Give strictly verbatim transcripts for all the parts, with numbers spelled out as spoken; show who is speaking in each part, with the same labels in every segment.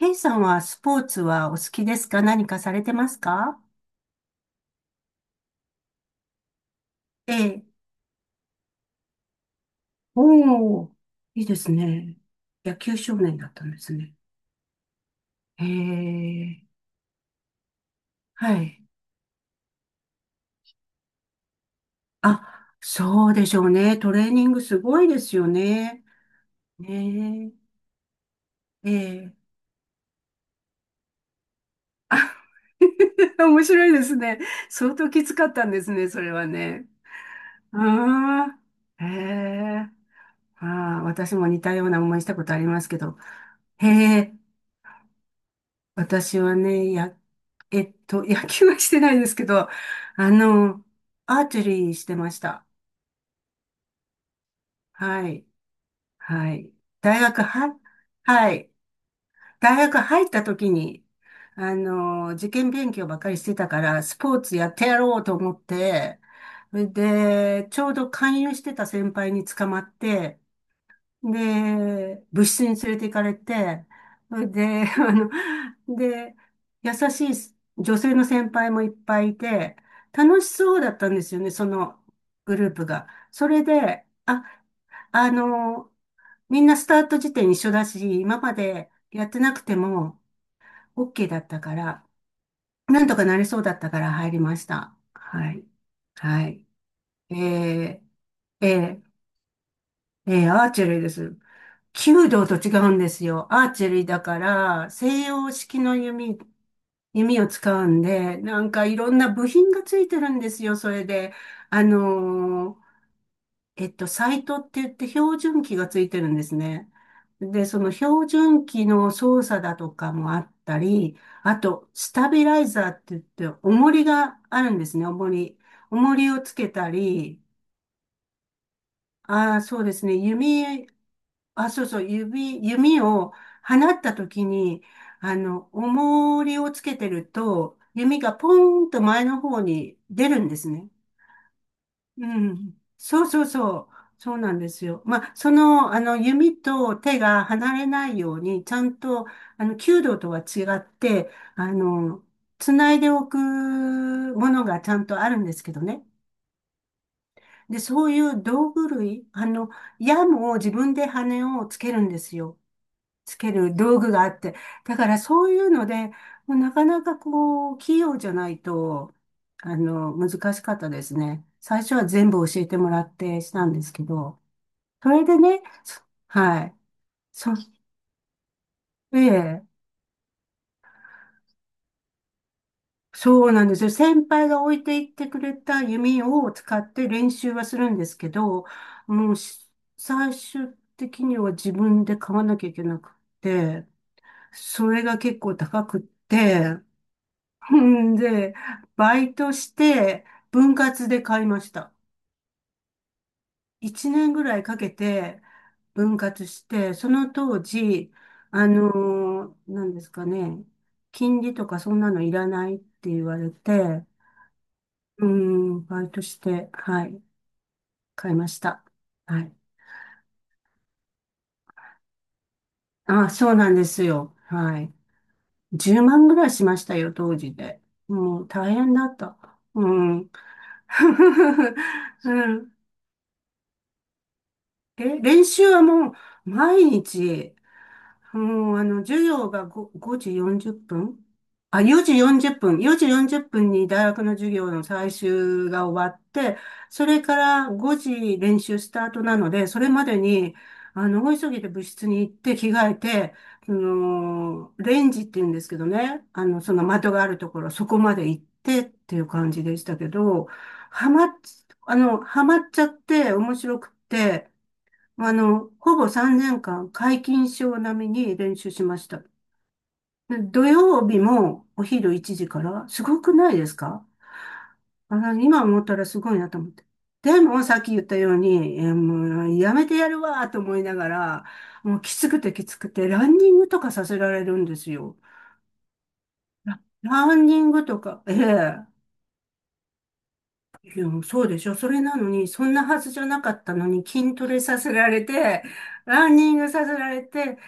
Speaker 1: ケイさんはスポーツはお好きですか？何かされてますか？ええ。おー、いいですね。野球少年だったんですね。へえ、はい。あ、そうでしょうね。トレーニングすごいですよね。ねえ、ええ。あ 面白いですね。相当きつかったんですね、それはね。ああ、へえ。ああ、私も似たような思いしたことありますけど。へえ。私はね、や、えっと、野球はしてないですけど、あの、アーチェリーしてました。はい。はい。大学は、はい。大学入った時に、あの、受験勉強ばっかりしてたから、スポーツやってやろうと思って、それで、ちょうど勧誘してた先輩に捕まって、で、部室に連れて行かれて、それで、あの、で、優しい女性の先輩もいっぱいいて、楽しそうだったんですよね、そのグループが。それで、あ、あの、みんなスタート時点一緒だし、今までやってなくても OK だったから、なんとかなりそうだったから入りました。はい。はい。えー、えーええ、アーチェリーです。弓道と違うんですよ。アーチェリーだから、西洋式の弓、弓を使うんで、なんかいろんな部品がついてるんですよ、それで。あのーえっと、サイトって言って標準器がついてるんですね。で、その標準器の操作だとかもあったり、あと、スタビライザーって言って、重りがあるんですね、重り。重りをつけたり、ああ、そうですね。弓あ、そうそう、指、弓を放った時に、あの、重りをつけてると、弓がポーンと前の方に出るんですね。うん。そうそうそう。そうなんですよ。まあ、その、あの、弓と手が離れないように、ちゃんと、あの、弓道とは違って、あの、つないでおくものがちゃんとあるんですけどね。で、そういう道具類、あの、矢も自分で羽をつけるんですよ。つける道具があって。だからそういうので、もうなかなかこう、器用じゃないと、あの、難しかったですね。最初は全部教えてもらってしたんですけど、それでね、そはい。そ、ええ、そうなんですよ。先輩が置いていってくれた弓を使って練習はするんですけど、もうし最終的には自分で買わなきゃいけなくて、それが結構高くって、んで、バイトして、分割で買いました。いちねんぐらいかけて、分割して、その当時、あのー、なんですかね、金利とかそんなのいらないって言われて、うん、バイトして、はい、買いました。はい。あ、そうなんですよ。はい。じゅうまんぐらいしましたよ、当時で。もう大変だった。うん。うんえ、練習はもう毎日、もうあの、授業がご、ごじよんじゅっぷん、あ、よじよんじゅっぷん。よじよんじゅっぷんに大学の授業の最終が終わって、それからごじ練習スタートなので、それまでに、あの、大急ぎで部室に行って着替えて、その、レンジって言うんですけどね、あの、その的があるところ、そこまで行ってっていう感じでしたけど、はまっ、あの、はまっちゃって面白くって、あの、ほぼさんねんかん、皆勤賞並みに練習しました。で土曜日もお昼いちじから、すごくないですか？あの、今思ったらすごいなと思って。でも、さっき言ったように、えーもうやめてやるわと思いながら、もうきつくてきつくて、ランニングとかさせられるんですよ。ランニングとか、ええ、いや、そうでしょ。それなのに、そんなはずじゃなかったのに、筋トレさせられて、ランニングさせられて、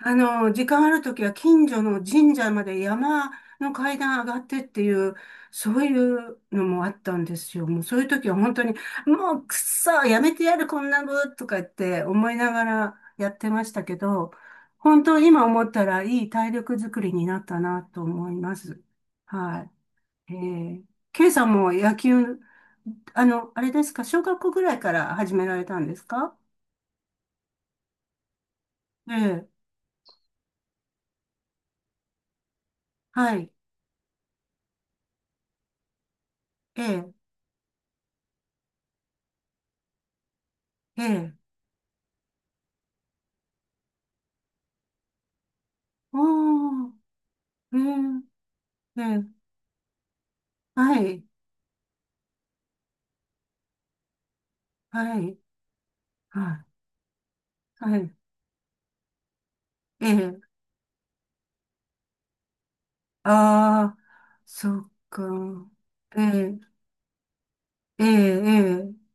Speaker 1: あの、時間あるときは近所の神社まで山の階段上がってっていう、そういうのもあったんですよ。もうそういうときは本当に、もうくっそ、やめてやる、こんなの、とか言って思いながらやってましたけど、本当今思ったらいい体力づくりになったなと思います。はい。えー、K さんも野球、あの、あれですか、小学校ぐらいから始められたんですか？ええ、はい、ええ、ええ、おー、ええ、ええ、はい、はい、はい、はい、ええ、ああ、そっか、ええ、ええ、ええ、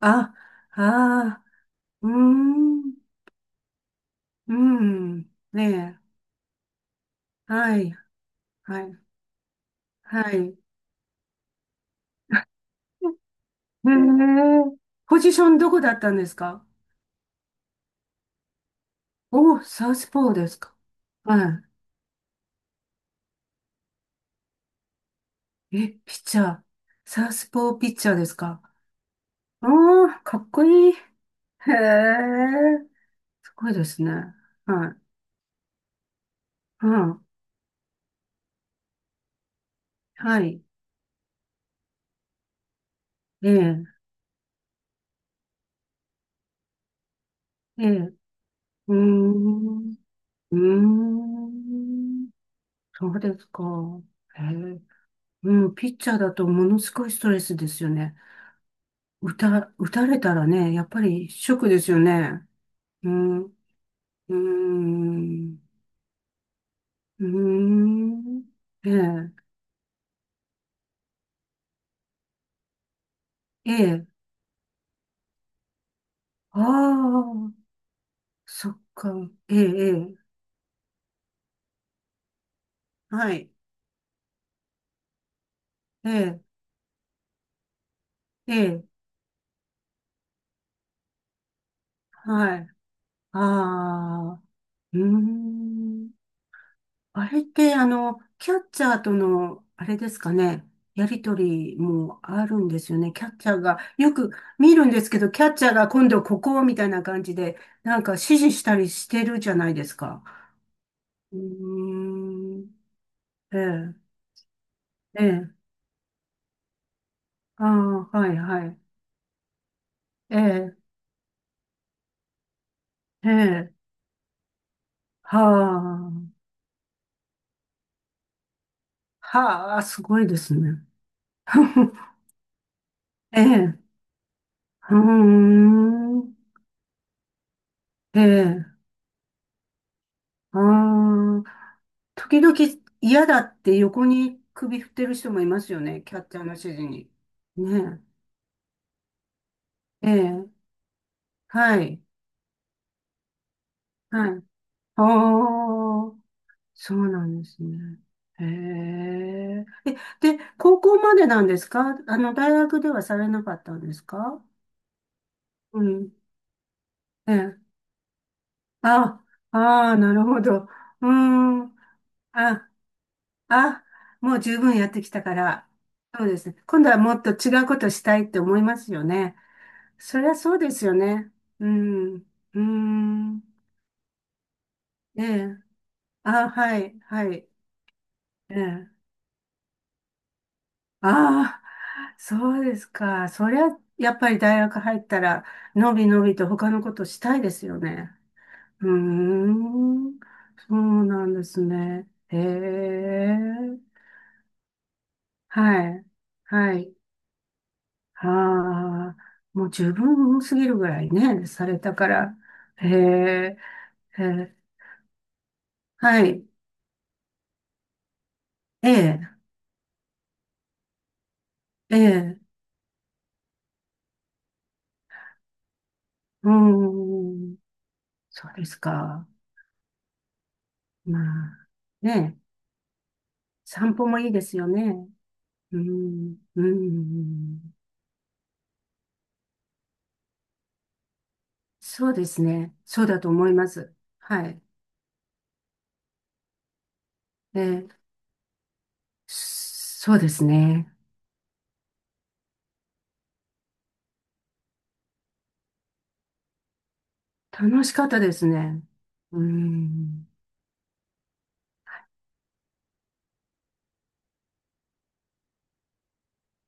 Speaker 1: あ、ああ、うーん、うん、ねえ、はい、はい、はい。ええ、ポジションどこだったんですか？お、サウスポーですか。はい。え、ピッチャー。サウスポーピッチャーですか？ああ、かっこいい。へえ、すごいですね。はい。うん。はい。ええ、ええ、うーん、うーん、そうですか。へえ、うん、ピッチャーだとものすごいストレスですよね。打た、打たれたらね、やっぱりショックですよね。うん、うーん、うーん、ええ。ええ、ああ、そっか、ええ、ええ、はい、ええ、ええ、はい、ああ、うーん。あれって、あの、キャッチャーとの、あれですかね、やりとりもあるんですよね。キャッチャーが、よく見るんですけど、キャッチャーが今度ここみたいな感じで、なんか指示したりしてるじゃないですか。うーん、ええ、ええ、ああ、はい、はい、ええ、ええ、はあ。はあ、すごいですね。ええ、うーん、ええ、ああ、時々嫌だって横に首振ってる人もいますよね、キャッチャーの指示に。ねえ、ええ、はい、はい。ああ、そうなんですね。へえ、え、で、高校までなんですか？あの、大学ではされなかったんですか？うん、ええ、あ、ああ、なるほど。うーん、あ、あ、もう十分やってきたから、そうですね。今度はもっと違うことしたいって思いますよね。そりゃそうですよね。うん、うーん、ええ。あ、はい、はい、ええ。ああ、そうですか。そりゃ、やっぱり大学入ったら、のびのびと他のことしたいですよね。うーん、そうなんですね。へえ、はい、はい。ああ、もう十分すぎるぐらいね、されたから。へえ、へえ、はい、ええ、ええ、うーん、そうですか。まあ、ね、散歩もいいですよね。うん、うん、そうですね。そうだと思います。はい。ええ、そうですね。楽しかったですね。うん。